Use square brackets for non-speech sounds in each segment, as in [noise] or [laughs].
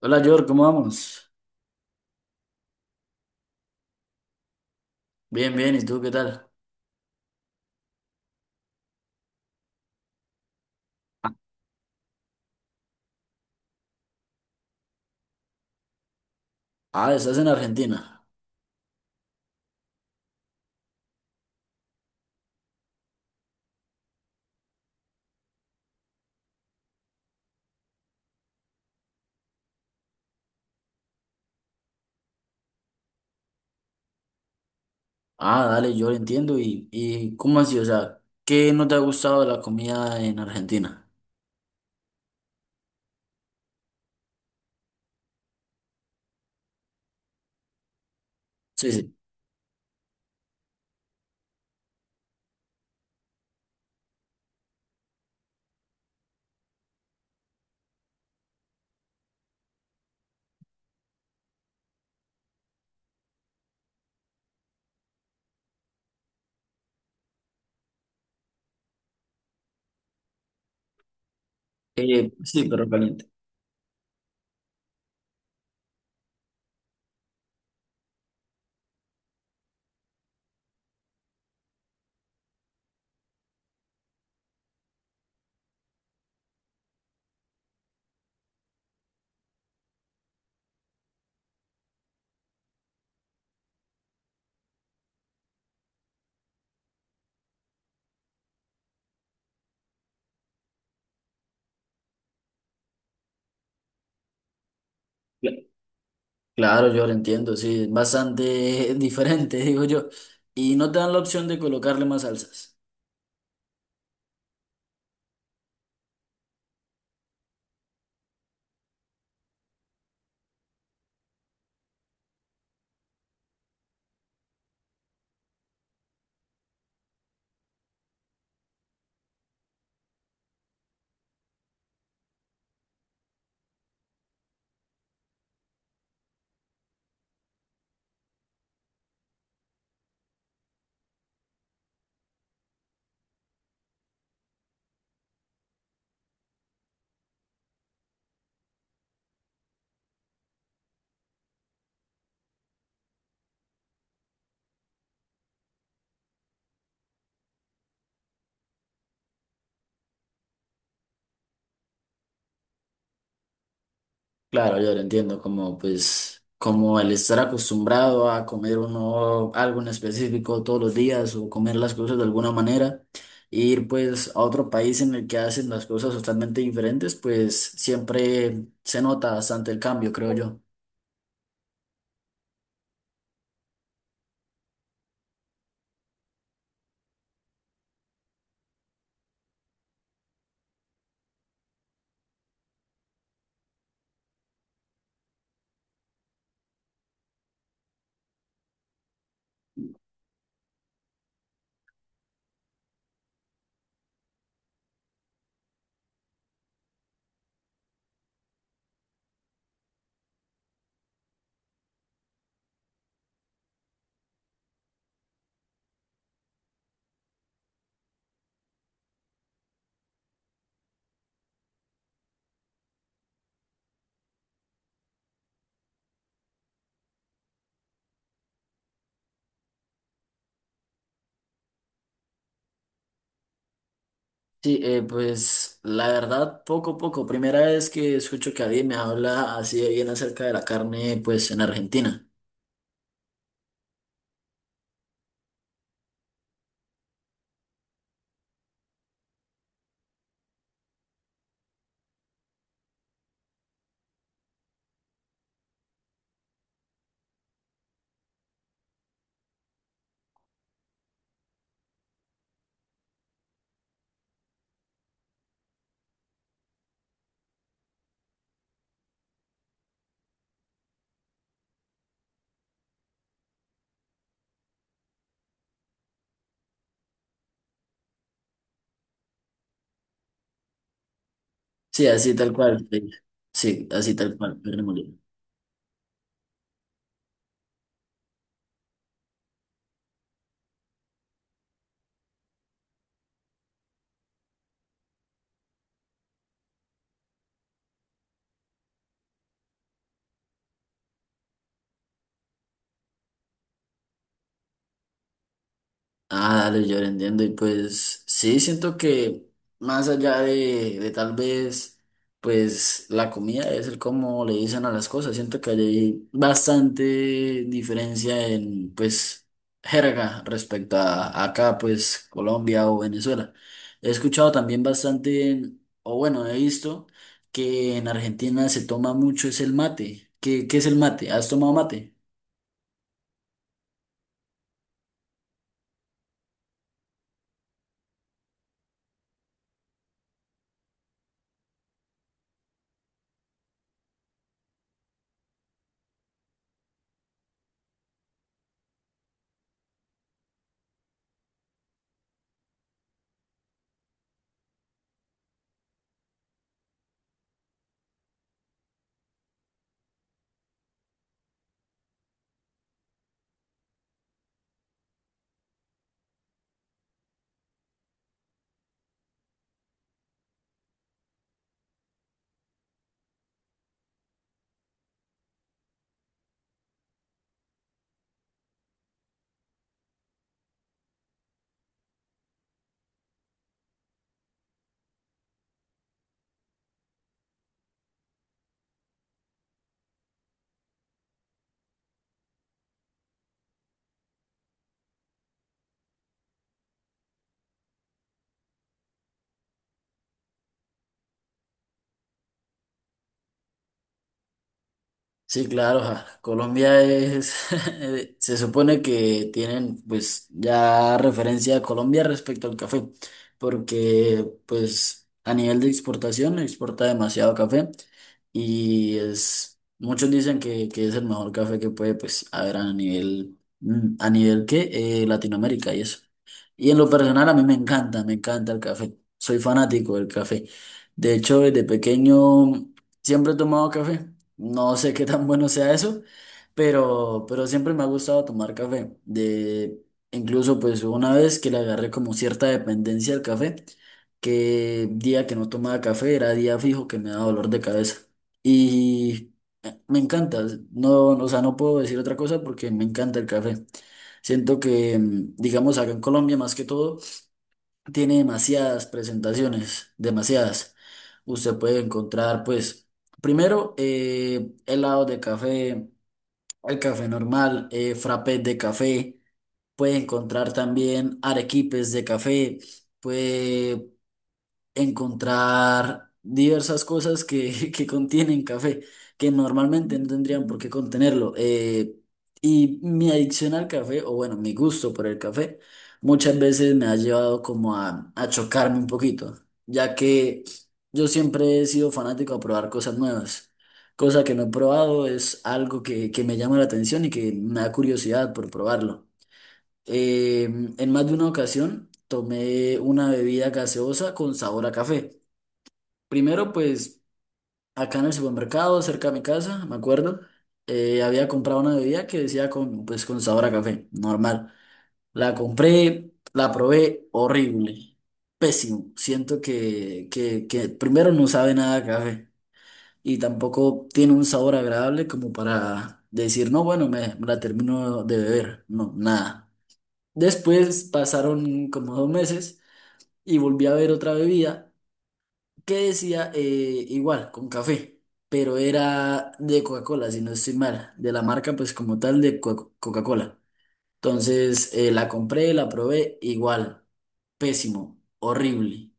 Hola, George, ¿cómo vamos? Bien, bien, ¿y tú qué tal? Ah, estás en Argentina. Ah, dale, yo lo entiendo. ¿Y cómo así? O sea, ¿qué no te ha gustado de la comida en Argentina? Sí, sí. Sí, pero caliente. Cla- Claro, yo lo entiendo, sí, es bastante [laughs] diferente, digo yo. Y no te dan la opción de colocarle más salsas. Claro, yo lo entiendo, como pues, como el estar acostumbrado a comer uno algo en específico todos los días o comer las cosas de alguna manera, e ir pues a otro país en el que hacen las cosas totalmente diferentes, pues siempre se nota bastante el cambio, creo yo. Sí, pues la verdad, poco a poco, primera vez que escucho que alguien me habla así de bien acerca de la carne, pues en Argentina. Sí, así tal cual. Sí, sí, así tal cual, carne molida. Ah, dale, yo lo entiendo. Y pues sí, siento que más allá de tal vez, pues la comida es el cómo le dicen a las cosas. Siento que hay bastante diferencia en, pues, jerga respecto a acá, pues, Colombia o Venezuela. He escuchado también bastante, o bueno, he visto que en Argentina se toma mucho es el mate. ¿Qué es el mate? ¿Has tomado mate? Sí, claro, ja, Colombia es, [laughs] se supone que tienen pues ya referencia a Colombia respecto al café, porque pues a nivel de exportación exporta demasiado café y es, muchos dicen que es el mejor café que puede pues haber a nivel, a nivel que Latinoamérica y eso. Y en lo personal a mí me encanta el café. Soy fanático del café. De hecho, desde pequeño siempre he tomado café. No sé qué tan bueno sea eso, pero siempre me ha gustado tomar café. Incluso pues hubo una vez que le agarré como cierta dependencia al café, que día que no tomaba café era día fijo que me daba dolor de cabeza. Y me encanta, no, o sea, no puedo decir otra cosa porque me encanta el café. Siento que, digamos, acá en Colombia más que todo, tiene demasiadas presentaciones, demasiadas. Usted puede encontrar, pues, primero, helado de café, el café normal, frappés de café, puede encontrar también arequipes de café, encontrar diversas cosas que, [laughs] que contienen café, que normalmente no tendrían por qué contenerlo. Y mi adicción al café, o bueno, mi gusto por el café, muchas veces me ha llevado como a chocarme un poquito, ya que yo siempre he sido fanático a probar cosas nuevas. Cosa que no he probado es algo que me llama la atención y que me da curiosidad por probarlo. Eh, en más de una ocasión tomé una bebida gaseosa con sabor a café. Primero, pues acá en el supermercado, cerca de mi casa, me acuerdo, había comprado una bebida que decía con, pues, con sabor a café, normal. La compré, la probé, horrible, pésimo. Siento que primero no sabe nada a café y tampoco tiene un sabor agradable como para decir, no, bueno, me la termino de beber. No, nada. Después pasaron como dos meses y volví a ver otra bebida que decía igual, con café, pero era de Coca-Cola, si no estoy mal, de la marca pues como tal de Coca-Cola. Entonces la compré, la probé, igual, pésimo, horrible.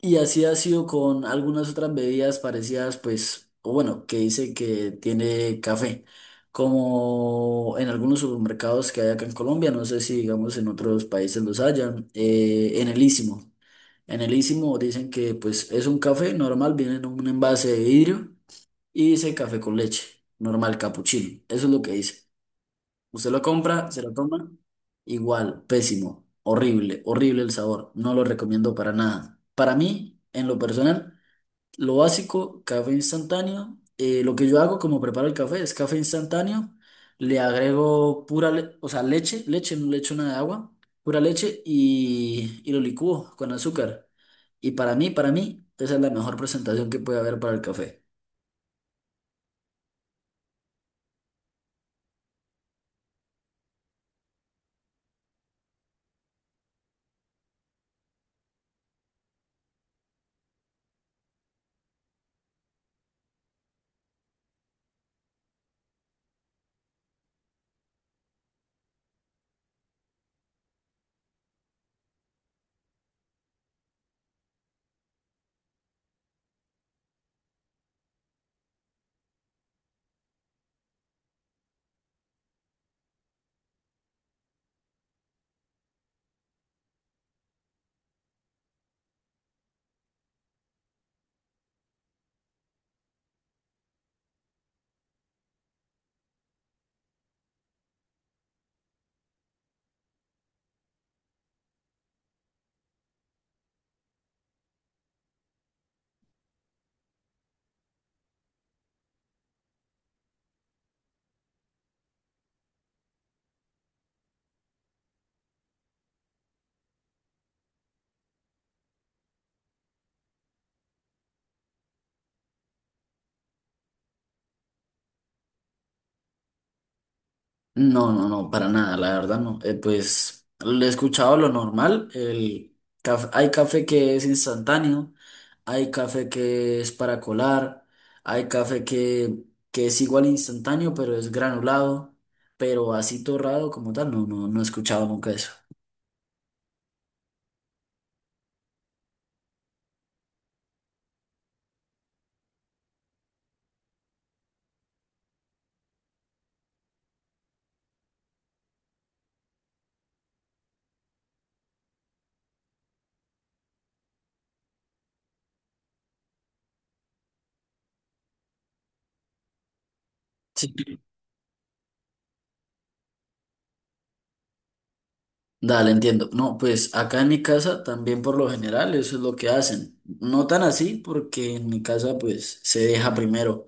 Y así ha sido con algunas otras bebidas parecidas, pues, o bueno, que dice que tiene café, como en algunos supermercados que hay acá en Colombia, no sé si digamos en otros países los hayan, en el Istmo. En el Ísimo dicen que pues es un café normal, viene en un envase de vidrio y dice café con leche, normal capuchino. Eso es lo que dice. Usted lo compra, se lo toma, igual, pésimo, horrible, horrible el sabor. No lo recomiendo para nada. Para mí, en lo personal, lo básico, café instantáneo. Lo que yo hago como preparo el café es café instantáneo. Le agrego pura, o sea, leche, leche, no le echo nada de agua, pura leche y lo licúo con azúcar. Y para mí, esa es la mejor presentación que puede haber para el café. No, no, no, para nada, la verdad no. Pues lo he escuchado lo normal. Hay café que es instantáneo, hay café que es para colar, hay café que es igual instantáneo, pero es granulado, pero así torrado como tal, no, no, no he escuchado nunca eso. Sí. Dale, entiendo. No, pues acá en mi casa también por lo general eso es lo que hacen. No tan así, porque en mi casa pues se deja primero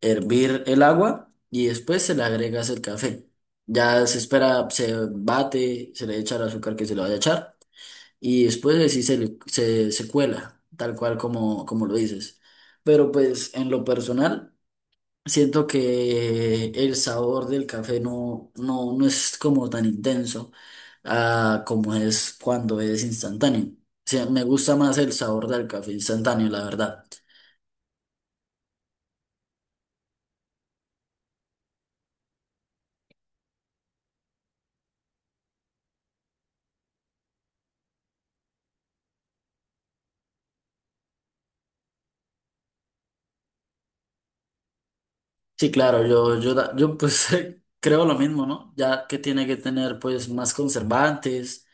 hervir el agua y después se le agregas el café. Ya se espera, se bate, se le echa el azúcar que se le vaya a echar y después de sí se cuela, tal cual como, como lo dices. Pero pues en lo personal, siento que el sabor del café no, no, no es como tan intenso, ah, como es cuando es instantáneo. O sea, me gusta más el sabor del café instantáneo, la verdad. Sí, claro, yo pues [laughs] creo lo mismo, ¿no? Ya que tiene que tener pues más conservantes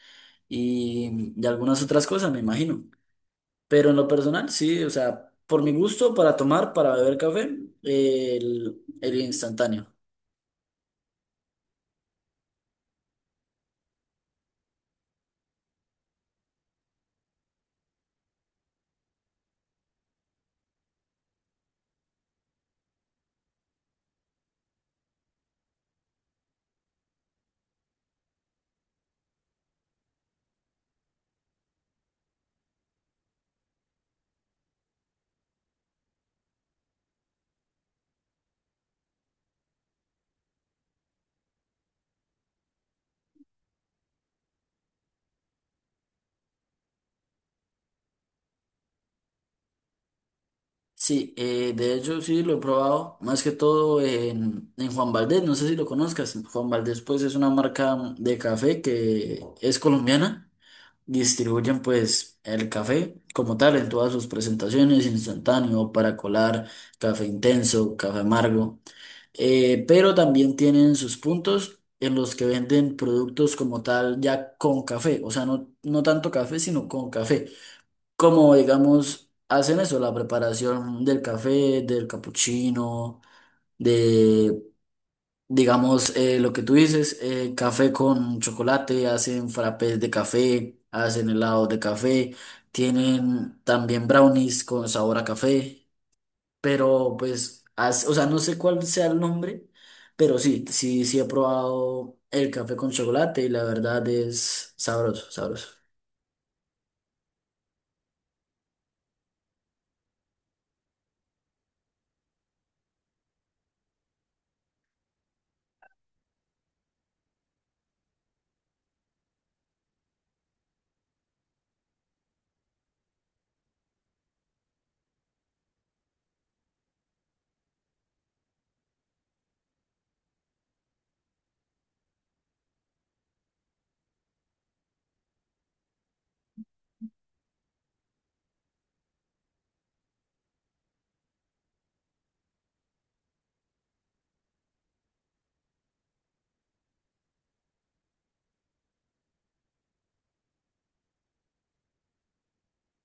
y algunas otras cosas, me imagino. Pero en lo personal, sí, o sea, por mi gusto, para tomar, para beber café, el instantáneo. Sí, de hecho sí lo he probado, más que todo en Juan Valdez, no sé si lo conozcas. Juan Valdez pues es una marca de café que es colombiana. Distribuyen pues el café como tal en todas sus presentaciones, instantáneo, para colar, café intenso, café amargo, pero también tienen sus puntos en los que venden productos como tal ya con café, o sea, no, no tanto café, sino con café, como digamos hacen eso, la preparación del café, del capuchino, digamos, lo que tú dices, café con chocolate, hacen frappés de café, hacen helados de café, tienen también brownies con sabor a café, pero pues, o sea, no sé cuál sea el nombre, pero sí, sí, sí he probado el café con chocolate y la verdad es sabroso, sabroso.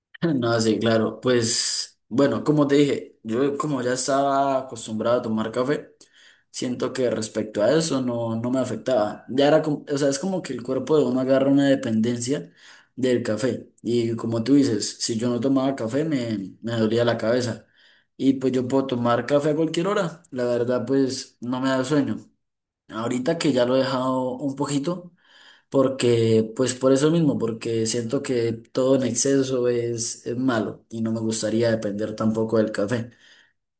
[laughs] No, sí, claro. Pues bueno, como te dije, yo como ya estaba acostumbrado a tomar café, siento que respecto a eso no, no me afectaba. Ya era como, o sea, es como que el cuerpo de uno agarra una dependencia del café. Y como tú dices, si yo no tomaba café me, me dolía la cabeza. Y pues yo puedo tomar café a cualquier hora. La verdad, pues no me da sueño. Ahorita que ya lo he dejado un poquito. Porque, pues por eso mismo, porque siento que todo en exceso es malo y no me gustaría depender tampoco del café.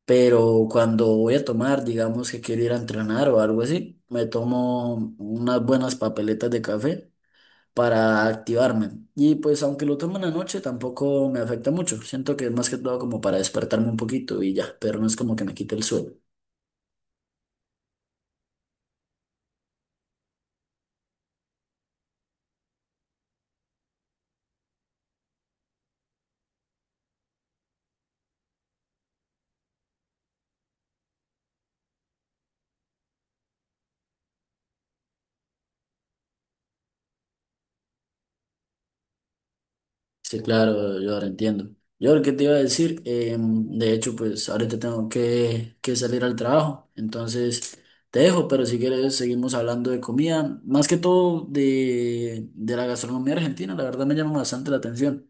Pero cuando voy a tomar, digamos que quiero ir a entrenar o algo así, me tomo unas buenas papeletas de café para activarme. Y pues aunque lo tomo en la noche, tampoco me afecta mucho. Siento que es más que todo como para despertarme un poquito y ya, pero no es como que me quite el sueño. Sí, claro, yo ahora entiendo. Yo lo que te iba a decir, de hecho, pues ahorita tengo que salir al trabajo, entonces te dejo, pero si quieres seguimos hablando de comida, más que todo de la gastronomía argentina, la verdad me llama bastante la atención.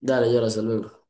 Dale, yo hasta luego.